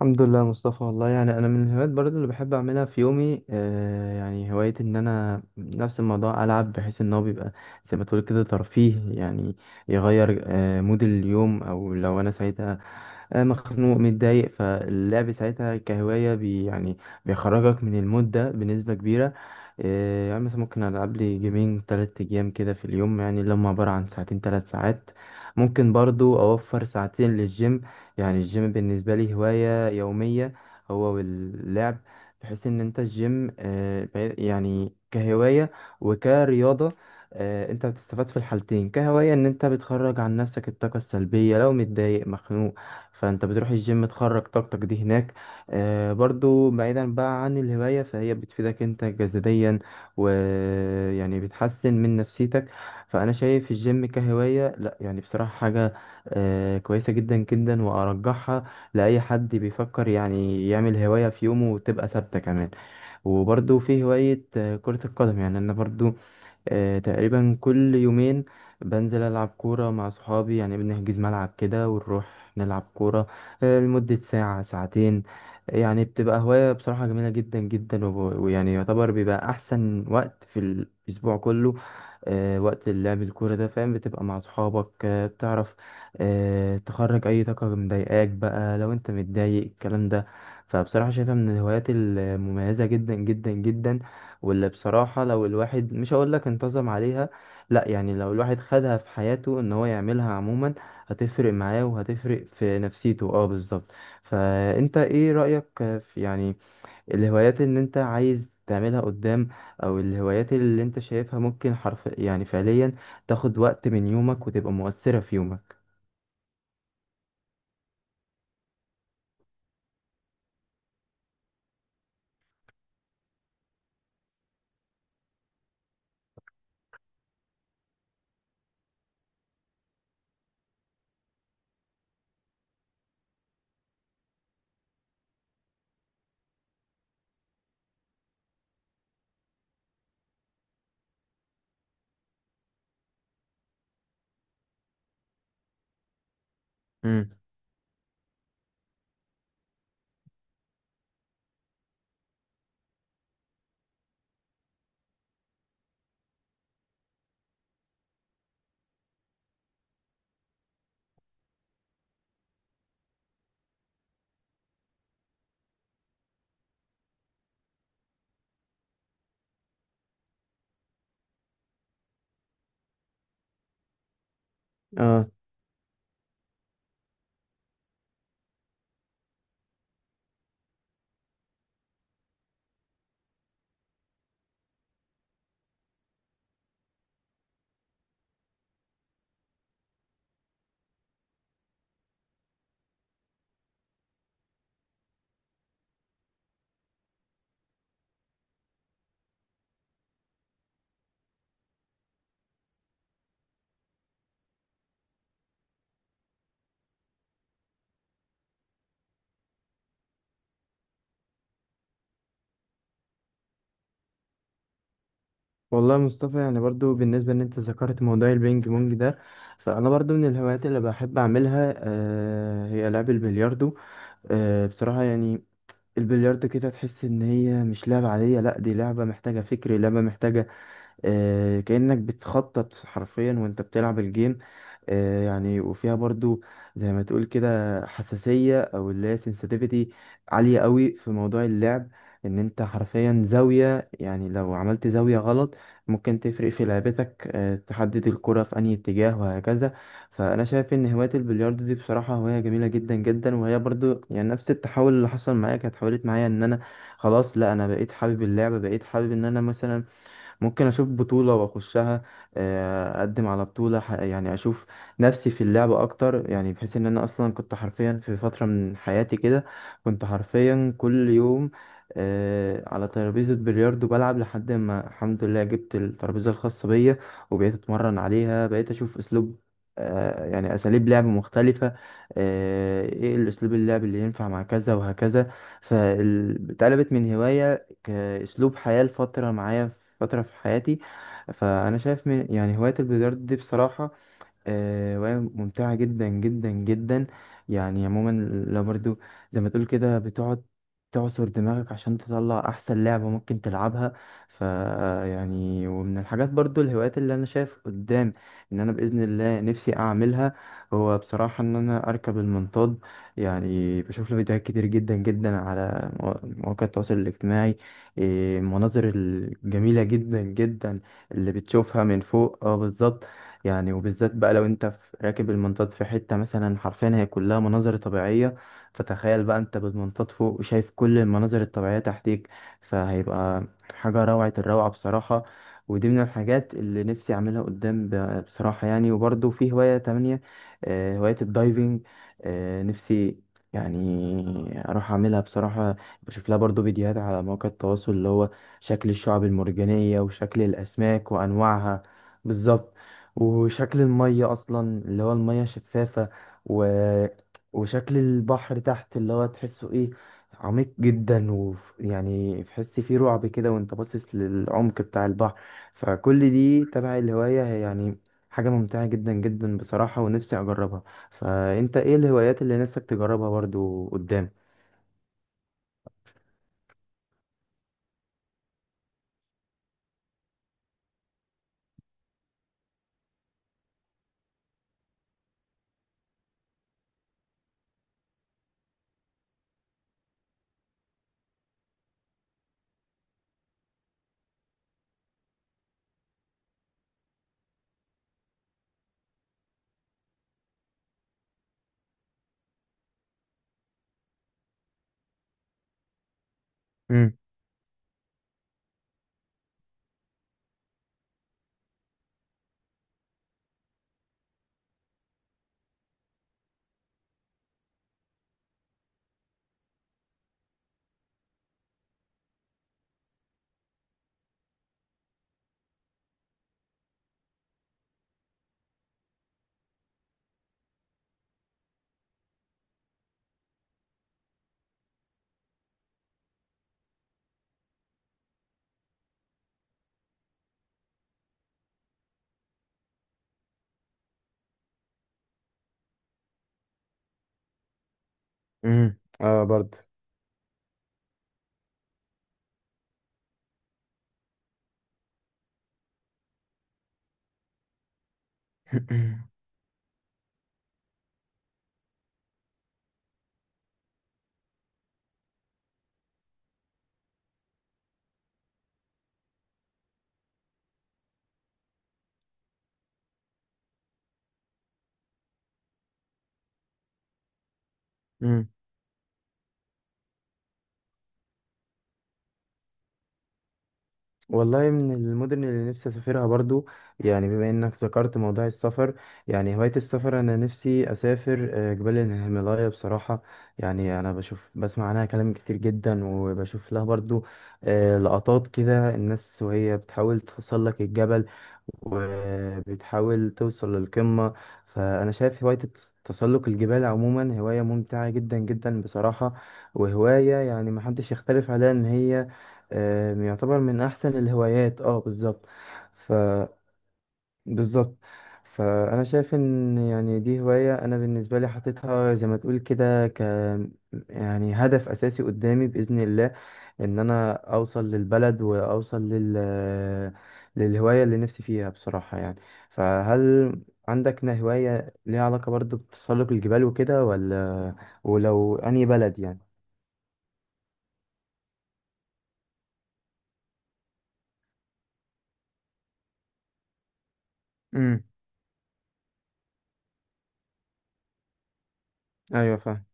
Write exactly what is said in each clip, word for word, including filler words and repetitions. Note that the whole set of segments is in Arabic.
الحمد لله يا مصطفى، والله يعني انا من الهوايات برضو اللي بحب اعملها في يومي آه يعني هواية ان انا نفس الموضوع العب، بحيث ان هو بيبقى زي ما تقول كده ترفيه يعني، يغير آه مود اليوم، او لو انا سعيد آه، مخنوق متضايق، فاللعب ساعتها كهواية بي يعني بيخرجك من المود ده بنسبة كبيرة. آه، يعني مثلا ممكن ألعب لي جيمين تلات أيام كده في اليوم، يعني اللي هم عبارة عن ساعتين تلات ساعات، ممكن برضو أوفر ساعتين للجيم. يعني الجيم بالنسبة لي هواية يومية هو واللعب، بحيث إن أنت الجيم آه، بعيد- يعني كهواية وكرياضة. آه، انت بتستفاد في الحالتين، كهواية ان انت بتخرج عن نفسك الطاقة السلبية لو متضايق مخنوق، فانت بتروح الجيم تخرج طاقتك دي هناك. آه برضو بعيدا بقى عن الهواية، فهي بتفيدك انت جسديا ويعني بتحسن من نفسيتك. فانا شايف الجيم كهواية، لا يعني بصراحة حاجة آه كويسة جدا جدا، وارجحها لاي حد بيفكر يعني يعمل هواية في يومه وتبقى ثابتة كمان. وبرضو في هواية آه، كرة القدم. يعني انا برضو آه، تقريبا كل يومين بنزل ألعب كورة مع صحابي، يعني بنحجز ملعب كده ونروح نلعب كورة آه، لمدة ساعة ساعتين. يعني بتبقى هواية بصراحة جميلة جدا جدا، وب- ويعني يعتبر بيبقى أحسن وقت في الأسبوع كله آه، وقت اللعب الكورة ده، فاهم؟ بتبقى مع صحابك آه، بتعرف آه، تخرج أي طاقة مضايقاك بقى لو أنت متضايق، الكلام ده. فبصراحة شايفها من الهوايات المميزة جدا جدا جدا، واللي بصراحة لو الواحد مش هقول لك انتظم عليها، لا، يعني لو الواحد خدها في حياته ان هو يعملها عموما هتفرق معاه، وهتفرق في نفسيته، اه بالظبط. فانت ايه رأيك في يعني الهوايات اللي انت عايز تعملها قدام، او الهوايات اللي انت شايفها ممكن حرف يعني فعليا تاخد وقت من يومك وتبقى مؤثرة في يومك؟ امم اه، والله يا مصطفى، يعني برضو بالنسبة ان انت ذكرت موضوع البينج بونج ده، فانا برضو من الهوايات اللي بحب اعملها آه، هي لعب البلياردو. آه، بصراحة يعني البلياردو كده تحس ان هي مش لعبة عادية، لا دي لعبة محتاجة فكر، لعبة محتاجة آه، كأنك بتخطط حرفيا وانت بتلعب الجيم. آه، يعني وفيها برضو زي ما تقول كده حساسية، او اللي هي sensitivity عالية قوي في موضوع اللعب. ان انت حرفيا زاوية، يعني لو عملت زاوية غلط ممكن تفرق في لعبتك، آه، تحدد الكرة في أي اتجاه وهكذا. فأنا شايف إن هواية البلياردو دي بصراحة هواية جميلة جدا جدا، وهي برضو يعني نفس التحول اللي حصل معايا، كانت حولت معايا إن أنا خلاص، لا أنا بقيت حابب اللعبة، بقيت حابب إن أنا مثلا ممكن اشوف بطولة واخشها. آه، اقدم على بطولة، ح- يعني اشوف نفسي في اللعب اكتر، يعني بحيث ان انا اصلا كنت حرفيا في فترة من حياتي كده، كنت حرفيا كل يوم آه، على ترابيزة بلياردو بلعب، لحد ما الحمد لله جبت الترابيزة الخاصة بيا، وبقيت اتمرن عليها، بقيت اشوف اسلوب، آه، يعني اساليب لعب مختلفة، آه، ايه الاسلوب اللعب اللي ينفع مع كذا وهكذا. فاتقلبت من هواية كأسلوب حياة لفترة معايا، فترة في حياتي. فأنا شايف من يعني هواية البلياردو دي بصراحة آه، وهي ممتعة جدا جدا جدا. يعني عموما لو برضو زي ما تقول كده بتقعد تعصر دماغك عشان تطلع أحسن لعبة ممكن تلعبها. ف يعني ومن الحاجات برضو الهوايات اللي أنا شايف قدام إن أنا بإذن الله نفسي أعملها، هو بصراحة إن أنا أركب المنطاد. يعني بشوف له فيديوهات كتير جدا جدا على مو- مواقع التواصل الاجتماعي. إيه، المناظر الجميلة جدا جدا اللي بتشوفها من فوق، اه بالظبط. يعني وبالذات بقى لو انت في- راكب المنطاد في حتة مثلا حرفيا هي كلها مناظر طبيعية، فتخيل بقى انت بالمنطاد فوق شايف كل المناظر الطبيعية تحتيك، فهيبقى حاجة روعة الروعة بصراحة. ودي من الحاجات اللي نفسي اعملها قدام، ب- بصراحة يعني. وبرضه في هواية تانية آه، هواية الدايفنج. آه، نفسي يعني اروح اعملها بصراحة، بشوف لها برضه فيديوهات على مواقع التواصل، اللي هو شكل الشعب المرجانية، وشكل الاسماك وانواعها، بالظبط، وشكل المية أصلا، اللي هو المية شفافة، و... وشكل البحر تحت، اللي هو تحسه إيه، عميق جدا، ويعني تحس فيه رعب كده وأنت باصص للعمق بتاع البحر. فكل دي تبع الهواية، هي يعني حاجة ممتعة جدا جدا بصراحة، ونفسي أجربها. فأنت إيه الهوايات اللي نفسك تجربها برضو قدام؟ امم امم اه برضه. مم. والله من المدن اللي نفسي اسافرها برضو، يعني بما انك ذكرت موضوع السفر، يعني هواية السفر انا نفسي اسافر آه، جبال الهيمالايا بصراحة. يعني انا بشوف بسمع عنها كلام كتير جدا، وبشوف لها برضو آه، لقطات كده الناس وهي بتحاول تتسلق الجبل، وبتحاول توصل للقمة. فأنا شايف هواية التس- تسلق الجبال عموما هواية ممتعة جدا جدا بصراحة، وهواية يعني محدش يختلف عليها إن هي آم، يعتبر من احسن الهوايات، اه بالظبط. ف بالظبط. فانا شايف ان يعني دي هواية انا بالنسبة لي حاططها زي ما تقول كده ك يعني هدف اساسي قدامي باذن الله ان انا اوصل للبلد، واوصل لل للهواية اللي نفسي فيها بصراحة يعني. فهل عندك نا- هواية ليها علاقة برضو بتسلق الجبال وكده، ولا؟ ولو انهي بلد يعني؟ امم ايوه فاهم.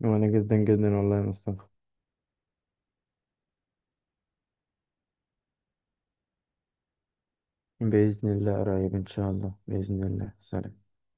وانا جدا جدا، والله يا مصطفى. بإذن الله، قريب إن شاء الله، بإذن الله، سلام.